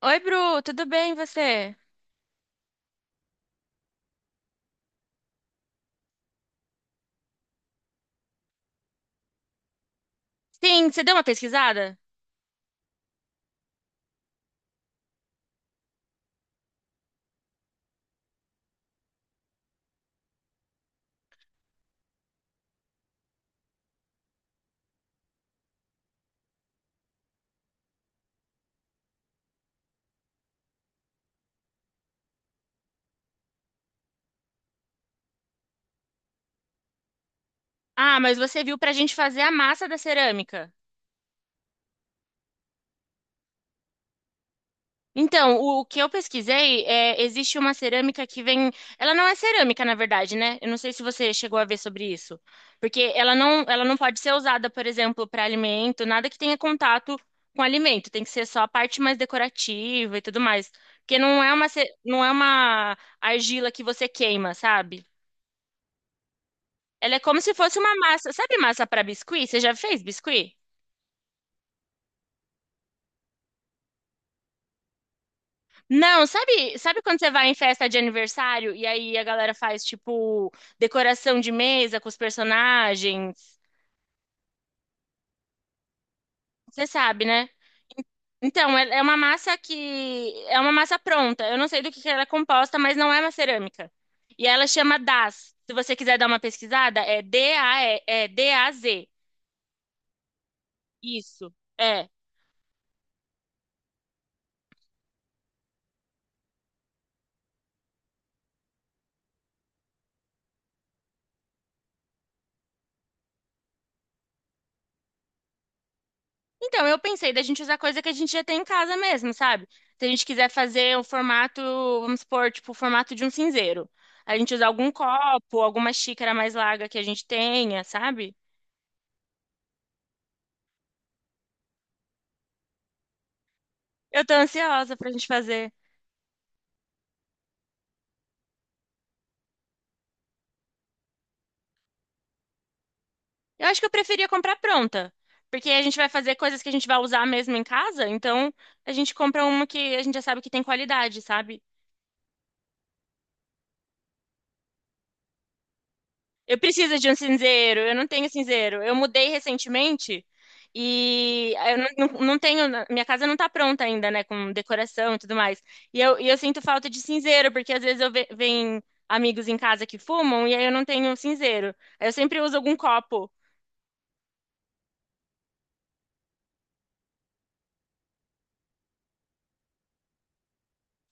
Oi, Bru, tudo bem e você? Sim, você deu uma pesquisada? Ah, mas você viu para a gente fazer a massa da cerâmica. Então, o que eu pesquisei é, existe uma cerâmica que vem, ela não é cerâmica, na verdade, né? Eu não sei se você chegou a ver sobre isso, porque ela não pode ser usada, por exemplo, para alimento, nada que tenha contato com alimento, tem que ser só a parte mais decorativa e tudo mais, porque não é uma, não é uma argila que você queima, sabe? Ela é como se fosse uma massa. Sabe massa para biscuit? Você já fez biscuit? Não, sabe quando você vai em festa de aniversário e aí a galera faz tipo decoração de mesa com os personagens? Você sabe, né? Então, é uma massa que é uma massa pronta. Eu não sei do que ela é composta, mas não é uma cerâmica. E ela chama DAZ. Se você quiser dar uma pesquisada, é D-A-Z. Isso. É. Então, eu pensei da gente usar coisa que a gente já tem em casa mesmo, sabe? Se a gente quiser fazer um formato, vamos supor, tipo, o formato de um cinzeiro. A gente usar algum copo, alguma xícara mais larga que a gente tenha, sabe? Eu tô ansiosa pra gente fazer. Eu acho que eu preferia comprar pronta, porque a gente vai fazer coisas que a gente vai usar mesmo em casa, então a gente compra uma que a gente já sabe que tem qualidade, sabe? Eu preciso de um cinzeiro, eu não tenho cinzeiro. Eu mudei recentemente e eu não, não- não tenho, minha casa não tá pronta ainda, né, com decoração e tudo mais. E eu sinto falta de cinzeiro, porque às vezes venho amigos em casa que fumam e aí eu não tenho cinzeiro. Aí eu sempre uso algum copo.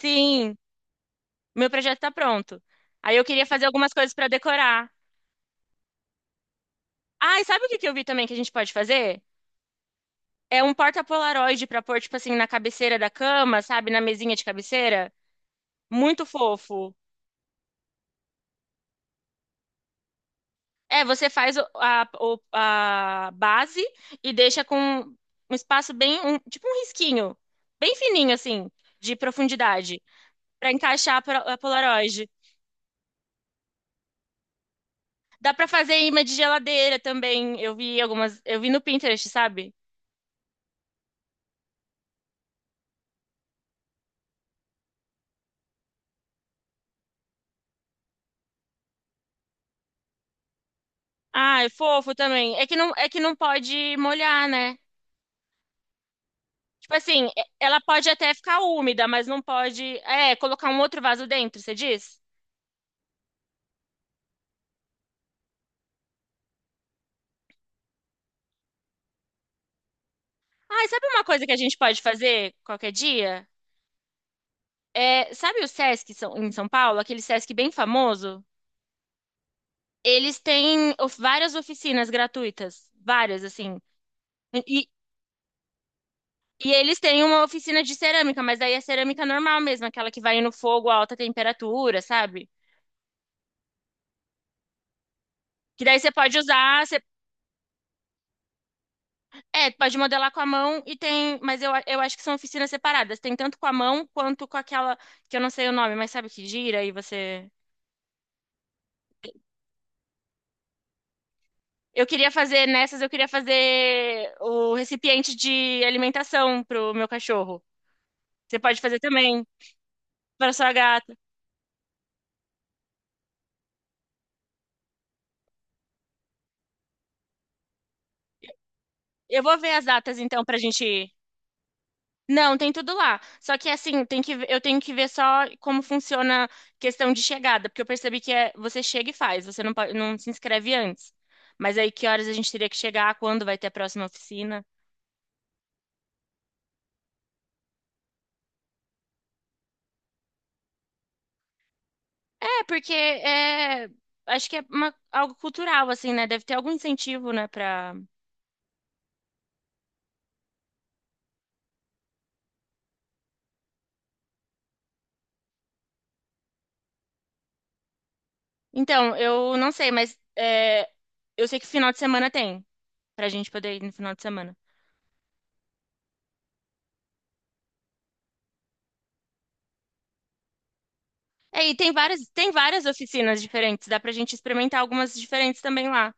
Sim, meu projeto tá pronto. Aí eu queria fazer algumas coisas pra decorar. Ah, e sabe o que que eu vi também que a gente pode fazer? É um porta-polaroid pra pôr, tipo assim, na cabeceira da cama, sabe, na mesinha de cabeceira. Muito fofo. É, você faz a base e deixa com um espaço tipo um risquinho, bem fininho assim, de profundidade, pra encaixar a Polaroid. Dá pra fazer imã de geladeira também. Eu vi algumas, eu vi no Pinterest, sabe? Ah, é fofo também. É que não pode molhar, né? Tipo assim, ela pode até ficar úmida, mas não pode, é, colocar um outro vaso dentro, você diz? Ah, e sabe uma coisa que a gente pode fazer qualquer dia? É, sabe o em São Paulo, aquele Sesc bem famoso? Eles têm várias oficinas gratuitas, várias, assim. E, e eles têm uma oficina de cerâmica, mas daí é cerâmica normal mesmo, aquela que vai no fogo a alta temperatura, sabe? Que daí você pode usar, você, é, pode modelar com a mão e tem, eu acho que são oficinas separadas. Tem tanto com a mão quanto com aquela, que eu não sei o nome, mas sabe que gira e você. Eu queria fazer nessas, eu queria fazer o recipiente de alimentação pro meu cachorro. Você pode fazer também para sua gata. Eu vou ver as datas então pra gente ir. Não, tem tudo lá. Só que assim, tem que, eu tenho que ver só como funciona a questão de chegada, porque eu percebi que é, você chega e faz, você não, pode- não se inscreve antes. Mas aí que horas a gente teria que chegar, quando vai ter a próxima oficina? É, acho que é algo cultural, assim, né? Deve ter algum incentivo, né, pra... Então, eu não sei, mas é, eu sei que final de semana tem, pra gente poder ir no final de semana. É, e tem várias oficinas diferentes, dá pra gente experimentar algumas diferentes também lá.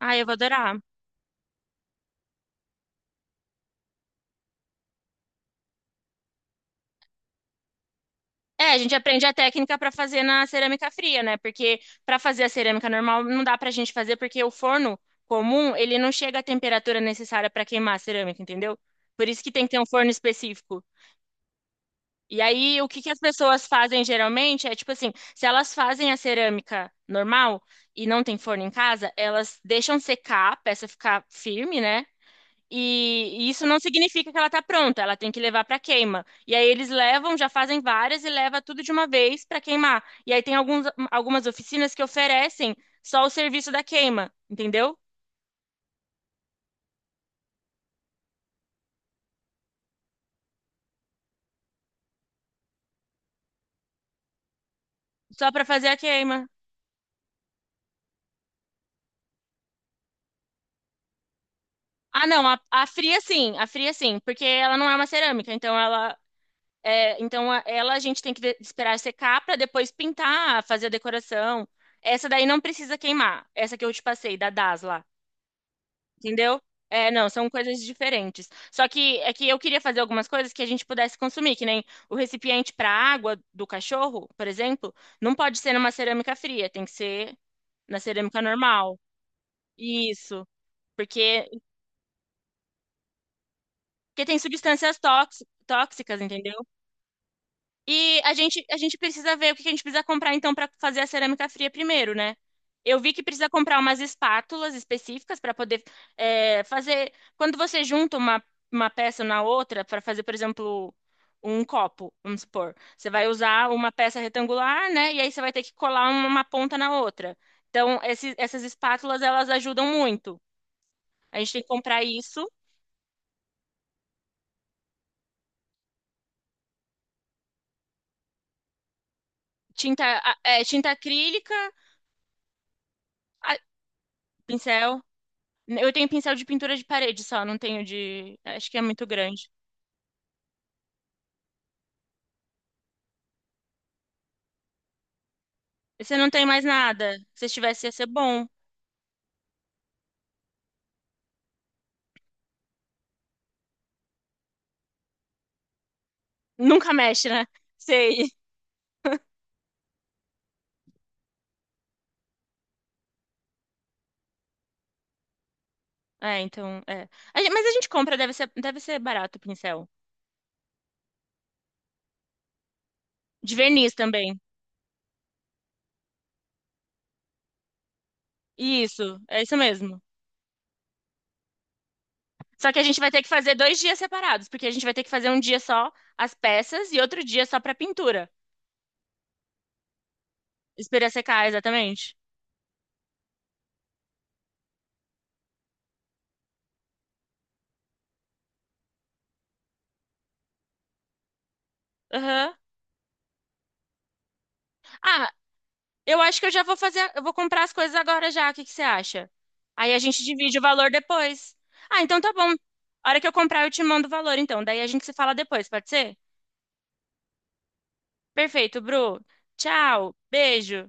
Ah, eu vou adorar. É, a gente aprende a técnica pra fazer na cerâmica fria, né? Porque pra fazer a cerâmica normal não dá pra gente fazer porque o forno comum, ele não chega à temperatura necessária pra queimar a cerâmica, entendeu? Por isso que tem que ter um forno específico. E aí, o que que as pessoas fazem geralmente é tipo assim, se elas fazem a cerâmica normal e não tem forno em casa, elas deixam secar a peça ficar firme, né? E isso não significa que ela está pronta, ela tem que levar para queima. E aí eles levam, já fazem várias e leva tudo de uma vez para queimar. E aí tem alguns, algumas oficinas que oferecem só o serviço da queima, entendeu? Só para fazer a queima. Ah, não, a fria sim, porque ela não é uma cerâmica, então ela é, então ela a gente tem que esperar secar para depois pintar, fazer a decoração. Essa daí não precisa queimar, essa que eu te passei da Das lá. Entendeu? É, não, são coisas diferentes. Só que é que eu queria fazer algumas coisas que a gente pudesse consumir, que nem o recipiente para água do cachorro, por exemplo, não pode ser numa cerâmica fria, tem que ser na cerâmica normal. Isso, porque porque tem tóxicas, entendeu? E a gente precisa ver o que que a gente precisa comprar, então, para fazer a cerâmica fria primeiro, né? Eu vi que precisa comprar umas espátulas específicas para poder é, fazer. Quando você junta uma peça na outra, para fazer, por exemplo, um copo, vamos supor, você vai usar uma peça retangular, né? E aí você vai ter que colar uma ponta na outra. Então, esses, essas espátulas, elas ajudam muito. A gente tem que comprar isso, é, tinta acrílica, a- pincel. Eu tenho pincel de pintura de parede só, não tenho de. Acho que é muito grande. Você não tem mais nada. Se tivesse, ia ser bom. Nunca mexe, né? Sei. É, então. É. Mas a gente compra, deve ser barato o pincel. De verniz também. Isso, é isso mesmo. Só que a gente vai ter que fazer 2 dias separados, porque a gente vai ter que fazer um dia só as peças e outro dia só pra pintura. Espera secar, exatamente. Aham. Ah, eu acho que eu já vou fazer, eu vou comprar as coisas agora já. O que que você acha? Aí a gente divide o valor depois. Ah, então tá bom. A hora que eu comprar, eu te mando o valor, então. Daí a gente se fala depois, pode ser? Perfeito, Bru. Tchau, beijo.